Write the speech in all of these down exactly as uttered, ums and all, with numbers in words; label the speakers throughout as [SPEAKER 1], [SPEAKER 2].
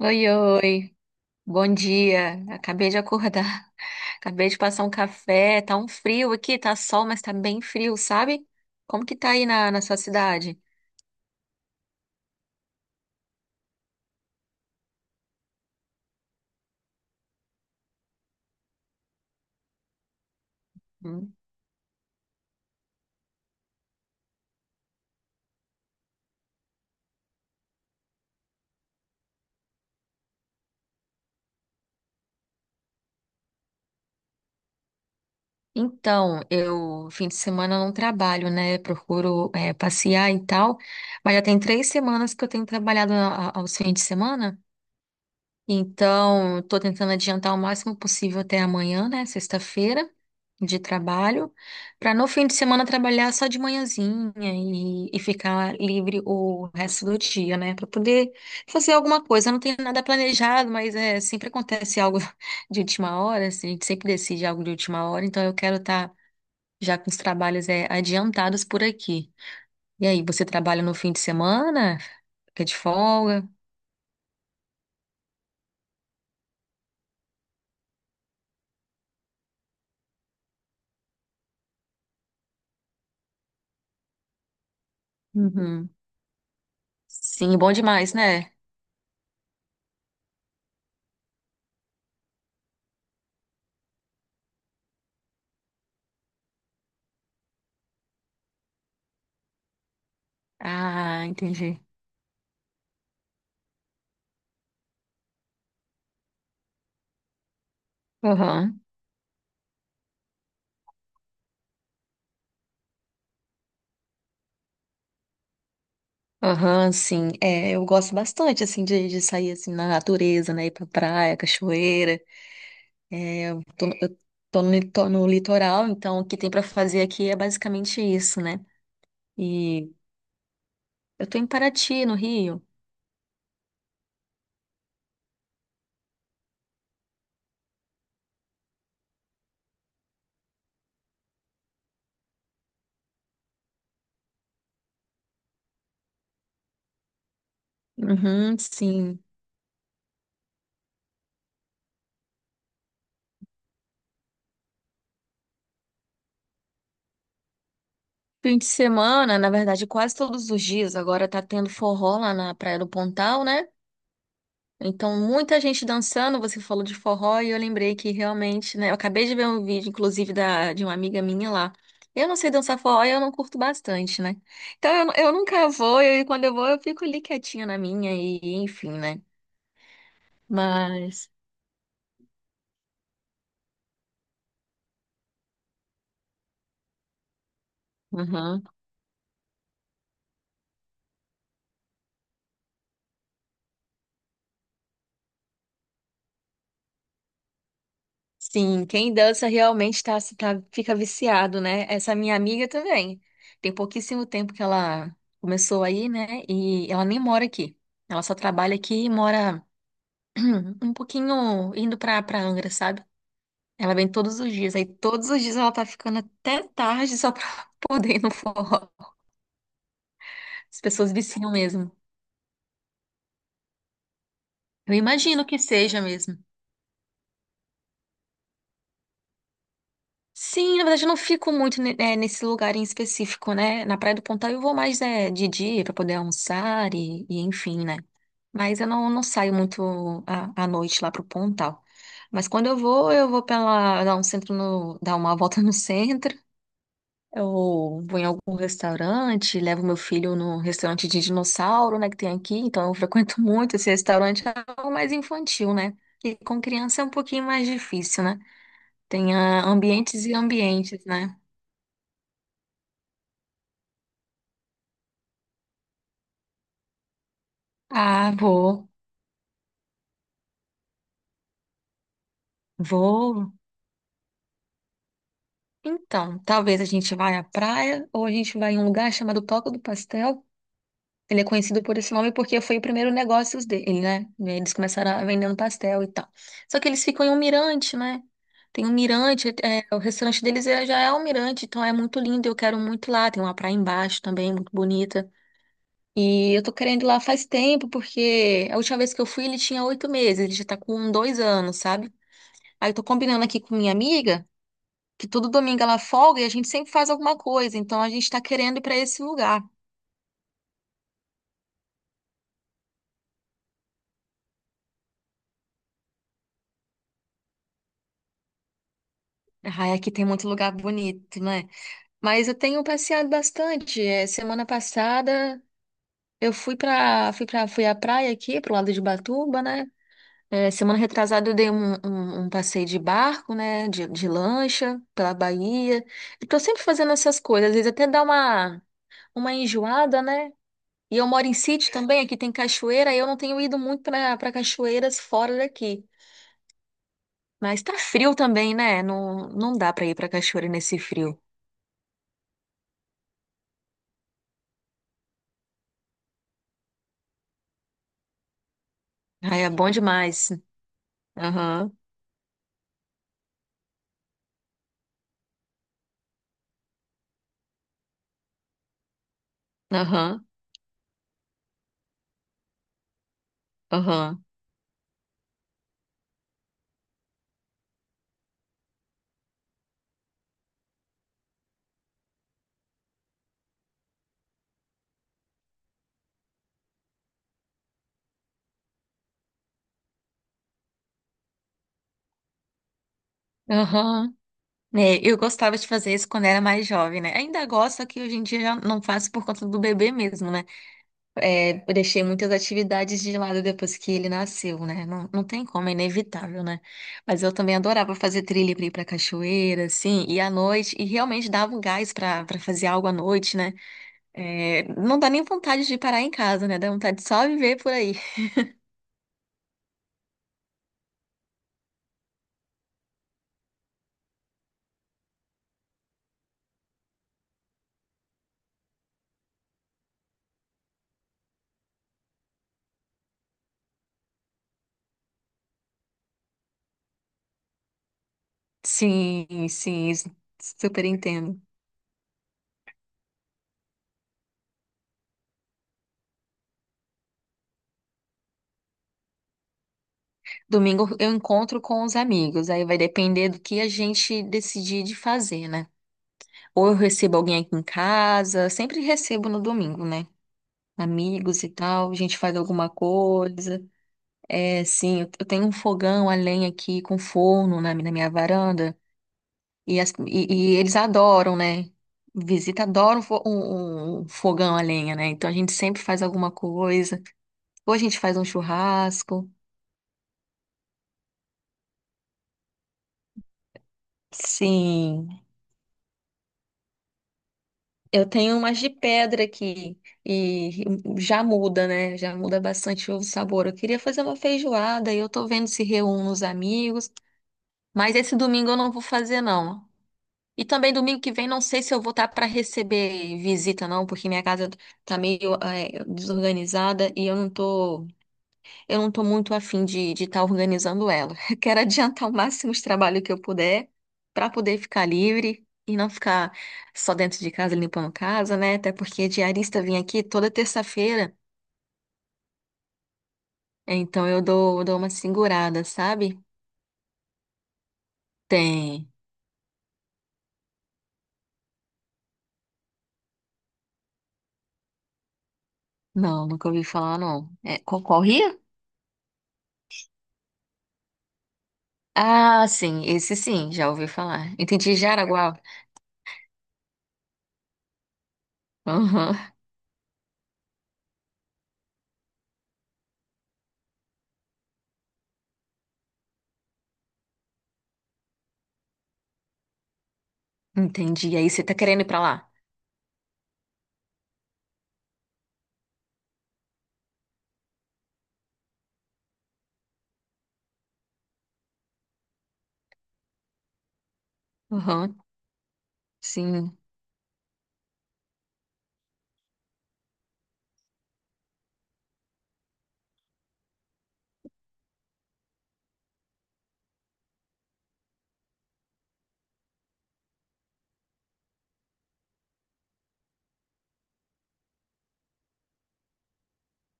[SPEAKER 1] Oi, oi. Bom dia. Acabei de acordar. Acabei de passar um café. Tá um frio aqui, tá sol, mas tá bem frio, sabe? Como que tá aí na, na sua cidade? Hum. Então, eu, fim de semana, eu não trabalho, né? Procuro, é, passear e tal. Mas já tem três semanas que eu tenho trabalhado a- a- aos fins de semana. Então, estou tentando adiantar o máximo possível até amanhã, né, sexta-feira, de trabalho, para no fim de semana trabalhar só de manhãzinha e, e ficar livre o resto do dia, né, para poder fazer alguma coisa. Não tem nada planejado, mas é, sempre acontece algo de última hora, assim, a gente sempre decide algo de última hora, então eu quero estar já com os trabalhos é, adiantados por aqui. E aí, você trabalha no fim de semana? Fica de folga? Uhum. Sim, bom demais, né? Ah, entendi. Aham. Aham, sim. É, eu gosto bastante, assim, de, de sair, assim, na natureza, né? Ir pra praia, cachoeira. É, eu tô, eu tô no, li- tô no litoral, então o que tem pra fazer aqui é basicamente isso, né? E eu tô em Paraty, no Rio. Uhum, sim. Fim de semana, na verdade, quase todos os dias. Agora tá tendo forró lá na Praia do Pontal, né? Então, muita gente dançando, você falou de forró e eu lembrei que realmente, né? Eu acabei de ver um vídeo, inclusive, da, de uma amiga minha lá. Eu não sei dançar forró e eu não curto bastante, né? Então, eu, eu nunca vou e quando eu vou eu fico ali quietinha na minha e enfim, né? Mas, uhum. Sim, quem dança realmente tá, tá, fica viciado, né? Essa minha amiga também. Tem pouquíssimo tempo que ela começou aí, né? E ela nem mora aqui. Ela só trabalha aqui e mora um pouquinho indo pra, pra Angra, sabe? Ela vem todos os dias. Aí todos os dias ela tá ficando até tarde só pra poder ir no forró. As pessoas viciam mesmo. Eu imagino que seja mesmo. Sim, na verdade eu não fico muito ne- eh, nesse lugar em específico, né? Na Praia do Pontal eu vou mais eh, de dia pra poder almoçar e, e enfim, né? Mas eu não, não saio muito à, à noite lá pro Pontal. Mas quando eu vou, eu vou pela, dar um centro no, dar uma volta no centro. Eu vou em algum restaurante, levo meu filho num restaurante de dinossauro, né, que tem aqui, então eu frequento muito esse restaurante, é algo mais infantil, né? E com criança é um pouquinho mais difícil, né? Tem ah, ambientes e ambientes, né? Ah, vou, vou. Então, talvez a gente vá à praia ou a gente vai em um lugar chamado Toca do Pastel. Ele é conhecido por esse nome porque foi o primeiro negócio dele, né? Eles começaram a- vendendo pastel e tal. Só que eles ficam em um mirante, né? Tem um mirante, é, é, o restaurante deles é- já é um mirante, então é muito lindo, eu quero muito lá. Tem uma praia embaixo também, muito bonita. E eu tô querendo ir lá faz tempo, porque a última vez que eu fui ele tinha oito meses, ele já tá com dois anos, sabe? Aí eu tô combinando aqui com minha amiga que todo domingo ela folga e a gente sempre faz alguma coisa, então a gente tá querendo ir pra esse lugar. Ai, aqui tem muito lugar bonito, né? Mas eu tenho passeado bastante. É, semana passada eu fui para fui para fui à praia aqui pro lado de Batuba, né? É, semana retrasada eu dei um, um, um passeio de barco, né? De, de lancha pela Bahia. Eu tô sempre fazendo essas coisas, às vezes até dá uma uma enjoada, né? E eu moro em sítio também, aqui tem cachoeira, e eu não tenho ido muito para para cachoeiras fora daqui. Mas tá frio também, né? Não, não dá para ir para cachoeira nesse frio. Ai, é bom demais. Aham, aham. Aham, aham. né eu gostava de fazer isso quando era mais jovem, né? Ainda gosto, só que hoje em dia já não faço por conta do bebê mesmo, né? É, eu deixei muitas atividades de lado depois que ele nasceu, né? Não, não tem como, é inevitável, né? Mas eu também adorava fazer trilha pra ir pra cachoeira, assim, e à noite, e realmente dava um gás pra, pra fazer algo à noite, né? É, não dá nem vontade de parar em casa, né? Dá vontade de só viver por aí. Sim, sim, super entendo. Domingo eu encontro com os amigos, aí vai depender do que a gente decidir de fazer, né? Ou eu recebo alguém aqui em casa, sempre recebo no domingo, né? Amigos e tal, a gente faz alguma coisa. É, sim, eu eu tenho um fogão a lenha aqui com forno na, mi- na minha varanda e, as- e- e eles adoram, né? Visita adoram fo- um, um um fogão a lenha, né? Então a gente sempre faz alguma coisa. Ou a gente faz um churrasco. Sim. Eu tenho umas de pedra aqui e já muda, né? Já muda bastante o sabor. Eu queria fazer uma feijoada e eu tô vendo se reúno os amigos, mas esse domingo eu não vou fazer não. E também domingo que vem não sei se eu vou estar para receber visita não, porque minha casa tá meio eh, desorganizada e eu não tô eu não estou muito afim de estar de tá organizando ela. Quero adiantar o máximo de trabalho que eu puder para poder ficar livre e não ficar só dentro de casa limpando casa, né? Até porque diarista vem aqui toda terça-feira, então eu dou, dou uma segurada, sabe? Tem. Não, nunca ouvi falar, não. É, qual, qual rio? Ah, sim, esse sim, já ouvi falar. Entendi, Jaraguá. Aham, entendi. Aí você tá querendo ir pra lá? Aham, sim.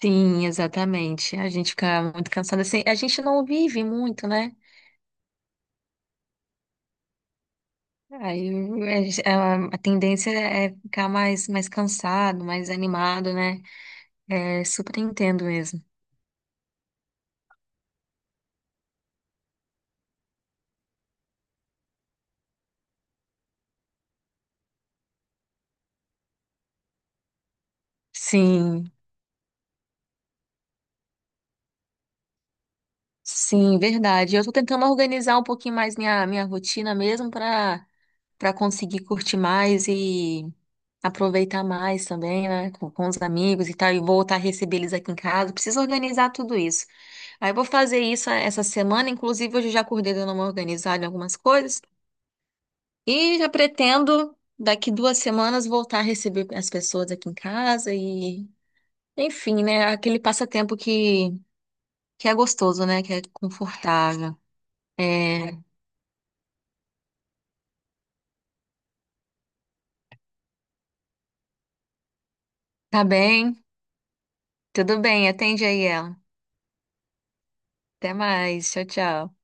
[SPEAKER 1] Sim, exatamente. A gente fica muito cansada. Assim, a gente não vive muito, né? Aí a, gente- a- a tendência é ficar mais, mais cansado, mais animado, né? É super entendo mesmo. Sim, sim, verdade. Eu tô tentando organizar um pouquinho mais minha, minha rotina mesmo para conseguir curtir mais e aproveitar mais também, né, com, com os amigos e tal, e voltar a receber eles aqui em casa. Preciso organizar tudo isso. Aí eu vou fazer isso essa semana, inclusive hoje eu já acordei dando uma organizada em algumas coisas e já pretendo daqui duas semanas voltar a receber as pessoas aqui em casa e, enfim, né, aquele passatempo que que é gostoso, né, que é confortável. É, tá bem, tudo bem, atende aí ela. Até mais, tchau, tchau.